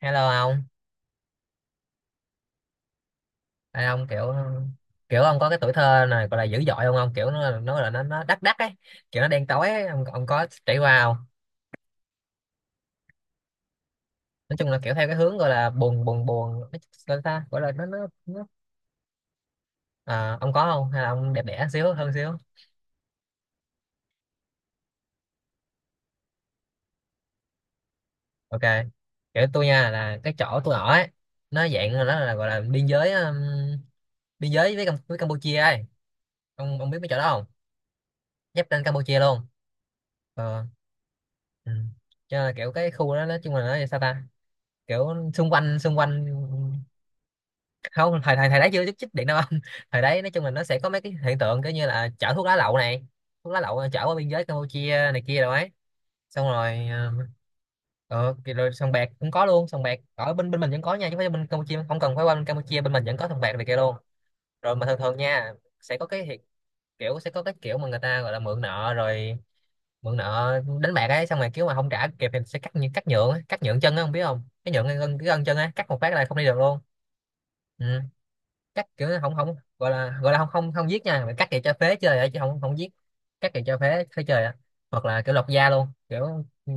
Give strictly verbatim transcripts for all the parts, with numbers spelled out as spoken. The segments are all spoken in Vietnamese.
Hello ông. Ê, ông kiểu kiểu ông có cái tuổi thơ này gọi là dữ dội không ông, kiểu nó nó là nó nó đắc đắc ấy, kiểu nó đen tối ấy. Ông, ông có trải qua không? Nói chung là kiểu theo cái hướng gọi là buồn buồn buồn nói chung là ta gọi là nó nó, nó. À, ông có không hay là ông đẹp đẽ xíu hơn xíu? Ok, kiểu tôi nha, là cái chỗ tôi ở ấy, nó dạng là nó là gọi là biên giới, um, biên giới với Cam- với Campuchia ấy. Ông ông biết mấy chỗ đó không? Giáp ranh Campuchia luôn. Ờ. Ừ. Cho nên là kiểu cái khu đó nói chung là nó sao ta, kiểu xung quanh xung quanh không, thời thời thời đấy chưa chút chích điện đâu anh. Thời đấy nói chung là nó sẽ có mấy cái hiện tượng kiểu như là chở thuốc lá lậu này, thuốc lá lậu, ờ, chở qua biên giới Campuchia này kia rồi ấy, xong rồi, ờ, ờ, kì- rồi sòng bạc cũng có luôn, sòng bạc ở bên bên mình vẫn có nha, chứ không phải bên Campuchia, không cần phải qua bên Campuchia, bên mình vẫn có sòng bạc này kia luôn, rồi mà thường thường nha, sẽ có cái hiện- kiểu sẽ có cái kiểu mà người ta gọi là mượn nợ, rồi mượn nợ đánh bạc ấy, xong rồi kiểu mà không trả kịp thì sẽ cắt, như cắt nhượng ấy, cắt nhượng chân á, không biết không cái nhượng cái gân, cái gân chân á, cắt một phát là không đi được luôn. Ừ. Cắt kiểu là không, không gọi là gọi là không không không giết nha, mà cắt thì cho phế chơi vậy, chứ không không giết, cắt thì cho phế phế chơi á, hoặc là kiểu lột da luôn, kiểu, ừ,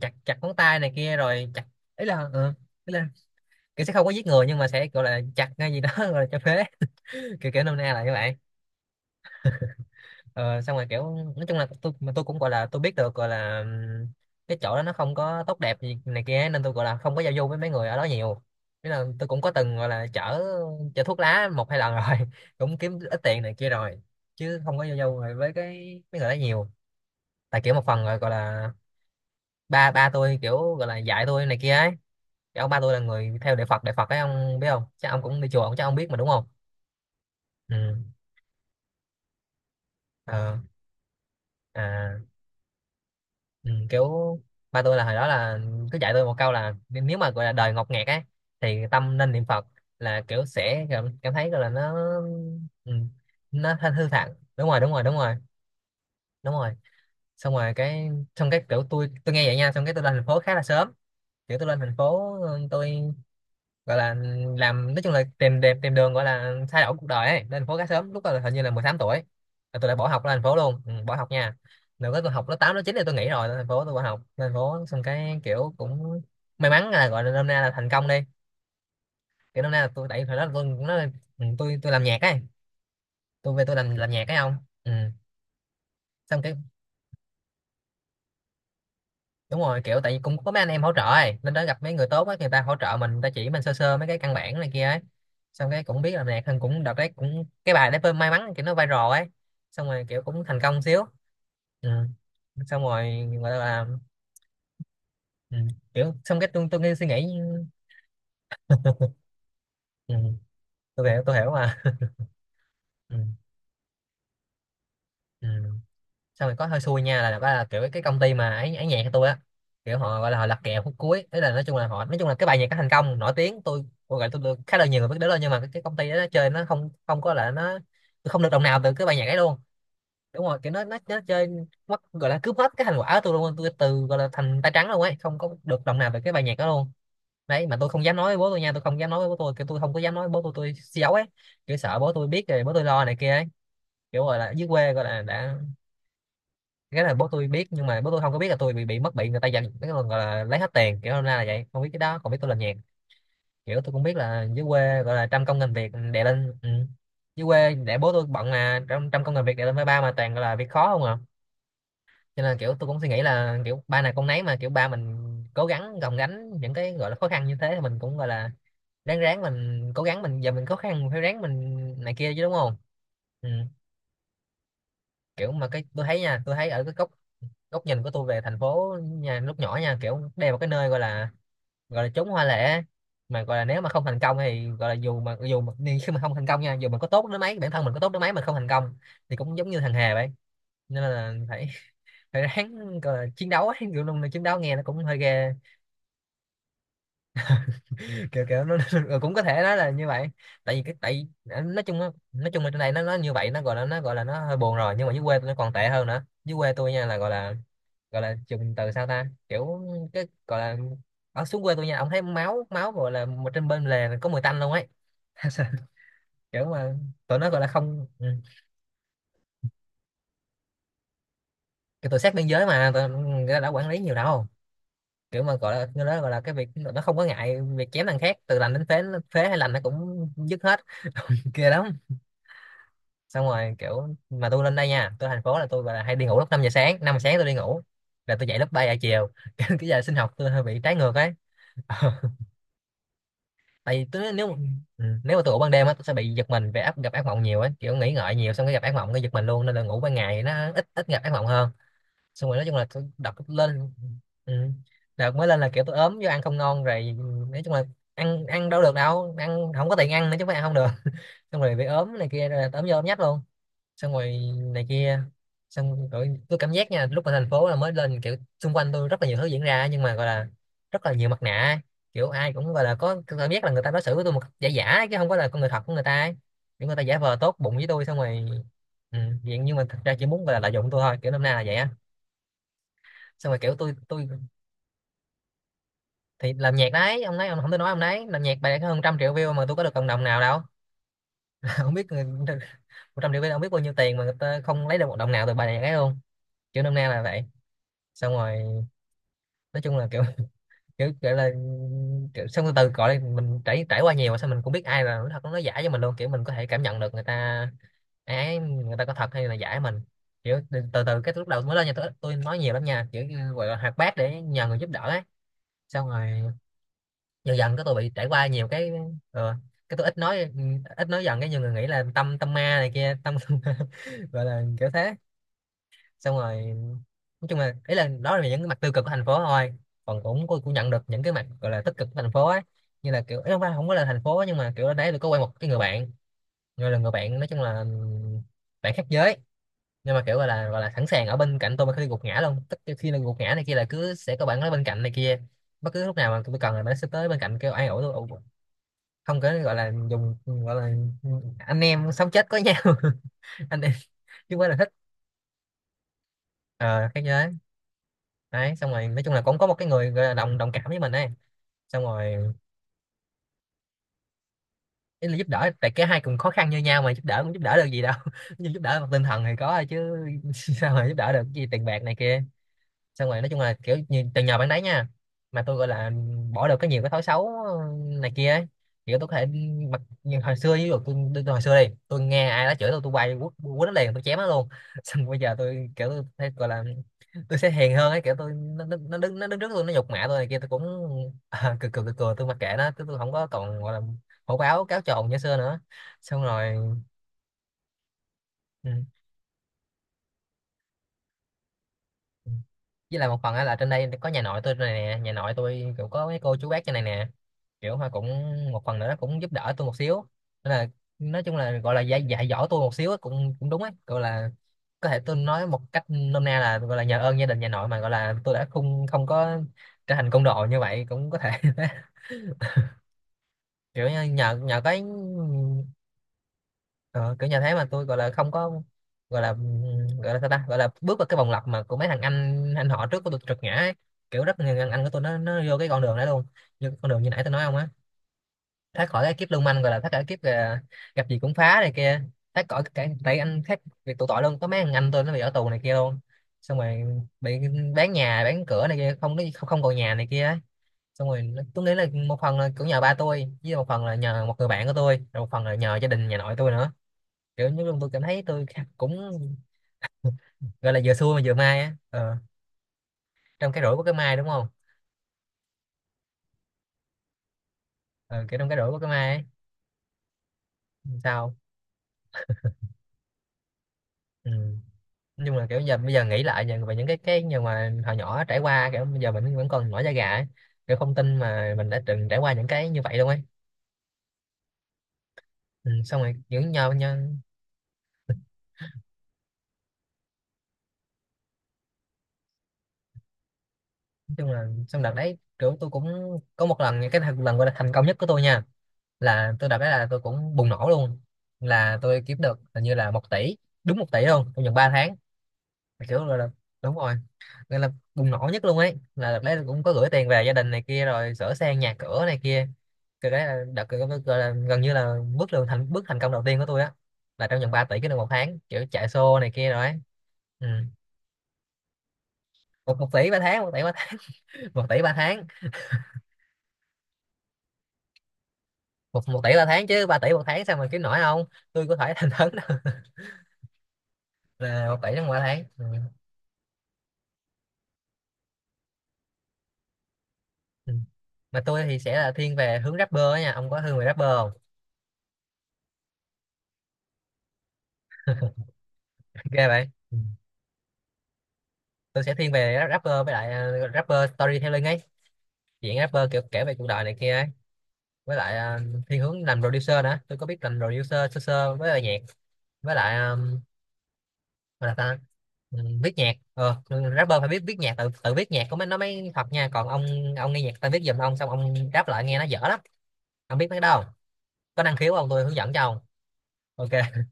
chặt chặt ngón tay này kia rồi chặt, ấy là, ừ, ý là kiểu sẽ không có giết người, nhưng mà sẽ gọi là chặt ngay gì đó rồi cho phế. Kiểu kiểu nôm na là như vậy. Ờ, xong rồi kiểu nói chung là tôi, mà tôi cũng gọi là tôi biết được, gọi là ừm, cái chỗ đó nó không có tốt đẹp gì này kia ấy, nên tôi gọi là không có giao du với mấy người ở đó nhiều, thế là tôi cũng có từng gọi là chở chở thuốc lá một hai lần rồi cũng kiếm ít tiền này kia rồi, chứ không có giao du rồi với cái mấy người đó nhiều, tại kiểu một phần rồi gọi là ba ba tôi kiểu gọi là dạy tôi này kia ấy. Cái ông ba tôi là người theo đạo Phật, đạo Phật ấy, ông biết không, chắc ông cũng đi chùa, ông chắc ông biết mà, đúng không. Ừ. Ờ. À. Ừ, kiểu ba tôi là hồi đó là cứ dạy tôi một câu là, n- nếu mà gọi là đời ngột ngạt ấy thì tâm nên niệm Phật, là kiểu sẽ cảm, cảm thấy gọi là nó, ừ, nó thanh thư thản. Đúng rồi, đúng rồi, đúng rồi, đúng rồi. Xong rồi cái, xong cái kiểu tôi tôi nghe vậy nha, xong cái tôi lên thành phố khá là sớm, kiểu tôi lên thành phố, ừ, tôi gọi là làm, nói chung là tìm tìm tìm đường gọi là thay đổi cuộc đời ấy, lên thành phố khá sớm, lúc đó là hình như là mười tám tuổi là tôi đã bỏ học lên thành phố luôn. Ừ, bỏ học nha, được cái tôi học lớp tám lớp chín thì tôi nghỉ, rồi lên thành phố, tôi bỏ học lên thành phố, xong cái kiểu cũng may mắn là gọi là năm nay là thành công đi, kiểu năm nay là tôi, tại thời đó là tôi cũng nói, ừ, tôi tôi làm nhạc ấy, tôi về tôi làm làm nhạc ấy không. Ừ. Xong cái, đúng rồi kiểu tại vì cũng có mấy anh em hỗ trợ ấy, lên đó gặp mấy người tốt ấy, người ta hỗ trợ mình, người ta chỉ mình sơ sơ mấy cái căn bản này kia ấy, xong cái cũng biết là nè, thằng cũng đợt đấy cũng cái bài đấy may mắn kiểu nó viral ấy, xong rồi kiểu cũng thành công xíu. Ừ. Xong rồi gọi là, ừ, kiểu xong cái tôi tôi nghe suy nghĩ. Ừ. Tôi hiểu, tôi hiểu mà. Ừ. Ừ. Xong rồi có hơi xui nha, là, là kiểu cái công ty mà ấy, ấy nhạc của tôi á, kiểu họ gọi là họ lật kèo phút cuối, thế là nói chung là họ, nói chung là cái bài nhạc nó thành công nổi tiếng, tôi tôi gọi tôi được khá là nhiều người biết đến rồi, nhưng mà cái, cái công ty đó nó chơi, nó không, không có là nó, tôi không được đồng nào từ cái bài nhạc ấy luôn. Đúng rồi, kiểu nó nó, nó chơi mất, gọi là cướp hết cái thành quả của tôi luôn, tôi từ gọi là thành tay trắng luôn ấy, không có được đồng nào từ cái bài nhạc đó luôn. Đấy mà tôi không dám nói với bố tôi nha, tôi không dám nói với bố tôi, kiểu tôi không có dám nói với bố tôi tôi giấu ấy, kiểu sợ bố tôi biết rồi bố tôi lo này kia ấy, kiểu gọi là dưới quê gọi là đã, cái này bố tôi biết, nhưng mà bố tôi không có biết là tôi bị bị mất, bị người ta giành cái còn gọi là lấy hết tiền, kiểu hôm nay là vậy, không biết cái đó còn biết tôi làm nhạc, kiểu tôi cũng biết là dưới quê gọi là trăm công ngàn việc đè lên. Ừ. Dưới quê để bố tôi bận mà trăm trăm công ngàn việc đè lên với ba, mà toàn gọi là việc khó không à, cho nên kiểu tôi cũng suy nghĩ là kiểu ba này con nấy, mà kiểu ba mình cố gắng gồng gánh những cái gọi là khó khăn như thế thì mình cũng gọi là ráng ráng mình cố gắng mình, giờ mình khó khăn mình phải ráng mình này kia chứ, đúng không. Ừ. Kiểu mà cái tôi thấy nha, tôi thấy ở cái góc góc nhìn của tôi về thành phố nhà lúc nhỏ nha, kiểu đây là một cái nơi gọi là, gọi là chốn hoa lệ, mà gọi là nếu mà không thành công thì gọi là, dù mà dù mà đi khi mà không thành công nha, dù mình có tốt đến mấy, bản thân mình có tốt đến mấy mà không thành công thì cũng giống như thằng Hà vậy, nên là phải phải ráng gọi là chiến đấu ấy, kiểu luôn là chiến đấu nghe nó cũng hơi ghê, kiểu kiểu nó, ừ, cũng có thể nói là như vậy, tại vì cái tại nói chung á- nói chung là trên này nó nó như vậy, nó gọi là, nó gọi là nó hơi buồn rồi, nhưng mà dưới quê tôi nó còn tệ hơn nữa. Dưới quê tôi nha là gọi là, gọi là dùng từ sao ta, kiểu cái gọi là ở xuống quê tôi nha, ông thấy máu, máu gọi là một trên bên lề có mùi tanh luôn ấy. Kiểu mà tụi nó gọi là không, ừ, cái tụi sát biên giới mà tụi nó đã quản lý nhiều đâu, kiểu mà gọi là nó đó, gọi là cái việc nó không có ngại việc chém thằng khác từ lành đến phế, phế hay lành nó cũng dứt hết. Kia lắm. Xong rồi kiểu mà tôi lên đây nha, tôi thành phố là tôi là hay đi ngủ lúc năm giờ sáng, năm giờ sáng tôi đi ngủ, là tôi dậy lúc ba giờ chiều, cái cái giờ sinh học tôi hơi bị trái ngược ấy. Ờ, tại vì tôi nếu, ừ, nếu mà tôi ngủ ban đêm á, tôi sẽ bị giật mình, về áp gặp ác mộng nhiều ấy, kiểu nghĩ ngợi nhiều, xong cái gặp ác mộng cái giật mình luôn, nên là ngủ ban ngày thì nó ít ít gặp ác mộng hơn, xong rồi nói chung là tôi đọc lên. Ừ. Đọc mới lên là kiểu tôi ốm do ăn không ngon rồi. Nói chung là ăn ăn đâu được đâu, ăn không có tiền ăn nữa chứ không phải ăn không được. Xong rồi bị ốm này kia, rồi ốm vô ốm nhách luôn. Xong rồi này kia. Xong rồi tôi cảm giác nha, lúc mà thành phố là mới lên, kiểu xung quanh tôi rất là nhiều thứ diễn ra nhưng mà gọi là rất là nhiều mặt nạ. Kiểu ai cũng gọi là có có cảm giác là người ta đối xử với tôi một cách giả giả chứ không có là con người thật của người ta ấy. Kiểu người ta giả vờ tốt bụng với tôi xong rồi ừ, vậy nhưng mà thật ra chỉ muốn gọi là lợi dụng tôi thôi, kiểu năm nay là vậy á. Xong rồi kiểu tôi tôi thì làm nhạc đấy, ông nói ông không thể nói ông đấy, làm nhạc bài có hơn trăm triệu view mà tôi có được cộng đồng nào đâu. Không biết người, một trăm triệu view ông biết bao nhiêu tiền mà người ta không lấy được một đồng nào từ bài này ấy luôn. Kiểu năm nay là vậy. Xong rồi nói chung là kiểu kiểu kiểu là kiểu, xong từ từ gọi là mình trải trải qua nhiều mà sao mình cũng biết ai là nói thật nó giả cho mình luôn, kiểu mình có thể cảm nhận được người ta ái ấy, người ta có thật hay là giả mình. Kiểu từ từ, từ cái lúc đầu mới lên nhà tôi, tôi nói nhiều lắm nha, kiểu như gọi là hoạt bát để nhờ người giúp đỡ ấy. Xong rồi dần dần cái tôi bị trải qua nhiều cái ờ, cái tôi ít nói. Ít nói dần cái nhiều người nghĩ là tâm tâm ma này kia tâm. Gọi là kiểu thế. Xong rồi nói chung là ý là đó là những cái mặt tiêu cực của thành phố thôi, còn cũng cô cũng nhận được những cái mặt gọi là tích cực của thành phố ấy. Như là kiểu ý không phải không có là thành phố, nhưng mà kiểu đấy tôi có quen một cái người bạn, người là người bạn nói chung là bạn khác giới, nhưng mà kiểu gọi là gọi là sẵn sàng ở bên cạnh tôi mà khi gục ngã luôn, tức là khi là gục ngã này kia là cứ sẽ có bạn ở bên cạnh này kia. Bất cứ lúc nào mà tôi cần là nó sẽ tới bên cạnh kêu an ủi tôi ủ- không có, gọi là dùng gọi là anh em sống chết có nhau. Anh em chứ không phải là thích, ờ khác giới. Đấy, xong rồi nói chung là cũng có một cái người gọi là đồng đồng cảm với mình ấy. Xong rồi ý là giúp đỡ, tại cái hai cùng khó khăn như nhau mà giúp đỡ cũng giúp đỡ được gì đâu. Nhưng giúp đỡ mặt tinh thần thì có thôi chứ sao mà giúp đỡ được cái gì tiền bạc này kia. Xong rồi nói chung là kiểu như từ nhờ bạn đấy nha, mà tôi gọi là bỏ được cái nhiều cái thói xấu ờ, này kia ấy. Kiểu tôi có thể mặc, nhưng hồi xưa ví dụ tôi, tôi, tôi hồi xưa đi tôi nghe ai đó chửi tôi tôi quay quất quất nó liền, tôi chém nó luôn. Xong bây giờ tôi kiểu tôi thấy gọi là tôi sẽ hiền hơn ấy, kiểu tôi nó nó nó đứng, nó đứng trước tôi nó nhục mạ tôi này kia tôi cũng à, cười cười cười cười tôi mặc kệ nó, tôi, tôi không có còn gọi là hổ báo cáo trồn như xưa nữa. Xong rồi ừ. Với lại một phần á là trên đây có nhà nội tôi này nè, nhà nội tôi kiểu có mấy cô chú bác trên này nè, kiểu họ cũng một phần nữa nó cũng giúp đỡ tôi một xíu, nên là nói chung là gọi là dạy dạy dỗ tôi một xíu á, cũng cũng đúng ấy, gọi là có thể tôi nói một cách nôm na là gọi là nhờ ơn gia đình nhà nội mà gọi là tôi đã không không có trở thành côn đồ như vậy cũng có thể. Kiểu như nhờ nhờ cái ờ, kiểu nhà thế mà tôi gọi là không có, gọi là gọi là sao ta, gọi là bước vào cái vòng lặp mà của mấy thằng anh anh họ trước của tôi trượt ngã ấy. Kiểu rất nhiều thằng anh của tôi nó nó vô cái con đường đó luôn, như con đường như nãy tôi nói không á, thoát khỏi cái kiếp lưu manh, gọi là thoát khỏi kiếp à, gặp gì cũng phá này kia, thoát khỏi cái tại anh khác việc tụ tội luôn. Có mấy thằng anh tôi nó bị ở tù này kia luôn, xong rồi bị bán nhà bán cửa này kia, không có không, không còn nhà này kia ấy. Xong rồi nó- tôi nghĩ là một phần là cũng nhờ ba tôi, với một phần là nhờ một người bạn của tôi, rồi một phần là nhờ gia đình nhà nội tôi nữa. Kiểu như lúc tôi cảm thấy tôi cũng gọi là vừa xui mà vừa may á, ờ, trong cái rủi của cái may đúng không. Ờ, kiểu trong cái rủi của cái may ấy sao. Ừ. Nói chung là kiểu giờ bây giờ nghĩ lại về về những cái cái nhưng mà hồi nhỏ trải qua, kiểu bây giờ mình vẫn còn nổi da gà ấy. Kiểu không tin mà mình đã từng trải qua những cái như vậy luôn ấy. Ừ. Xong rồi kiểu nhờ nhau, nói chung là xong đợt đấy kiểu tôi cũng có một lần cái thật- lần gọi là thành công nhất của tôi nha, là tôi đợt đấy là tôi cũng bùng nổ luôn, là tôi kiếm được hình như là một tỷ, đúng một tỷ luôn, trong vòng ba tháng. Kiểu là đúng rồi, gọi là bùng nổ nhất luôn ấy, là đợt đấy cũng có gửi tiền về gia đình này kia rồi sửa sang nhà cửa này kia. Cái đấy là đợt gọi là gần như là bước đường thành bước thành công đầu tiên của tôi á, là trong vòng ba tỷ cái được một tháng, kiểu chạy xô này kia rồi ấy. Ừ. một, một tỷ ba tháng, một tỷ ba tháng. Một tỷ ba tháng. Một, một tỷ ba tháng chứ, ba tỷ một tháng sao mà kiếm nổi không, tôi có thể thành thấn đâu. Là một tỷ trong mỗi tháng. Ừ. Ừ. Mà tôi thì sẽ là thiên về hướng rapper á nha, ông có hướng về rapper không? Ghê vậy. Tôi sẽ thiên về rapper, với lại ờ, rapper storytelling ấy, chuyện rapper kiểu kể về cuộc đời này kia ấy. Với lại ờ, thiên hướng làm producer nữa, tôi có biết làm producer sơ sơ, với lại nhạc với lại ờ, gọi là ta ừ, viết nhạc ờ rapper phải biết viết nhạc, tự tự viết nhạc có mới nó mới thật nha. Còn ông ông nghe nhạc ta viết giùm ông xong ông rap lại nghe nó dở lắm, ông biết mấy cái đâu. Có năng khiếu không, tôi hướng dẫn cho ông. Ok.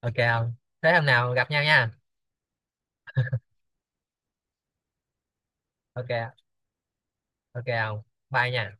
Ok không? Thế hôm nào gặp nhau nha. Ok. Ok không? Bye nha.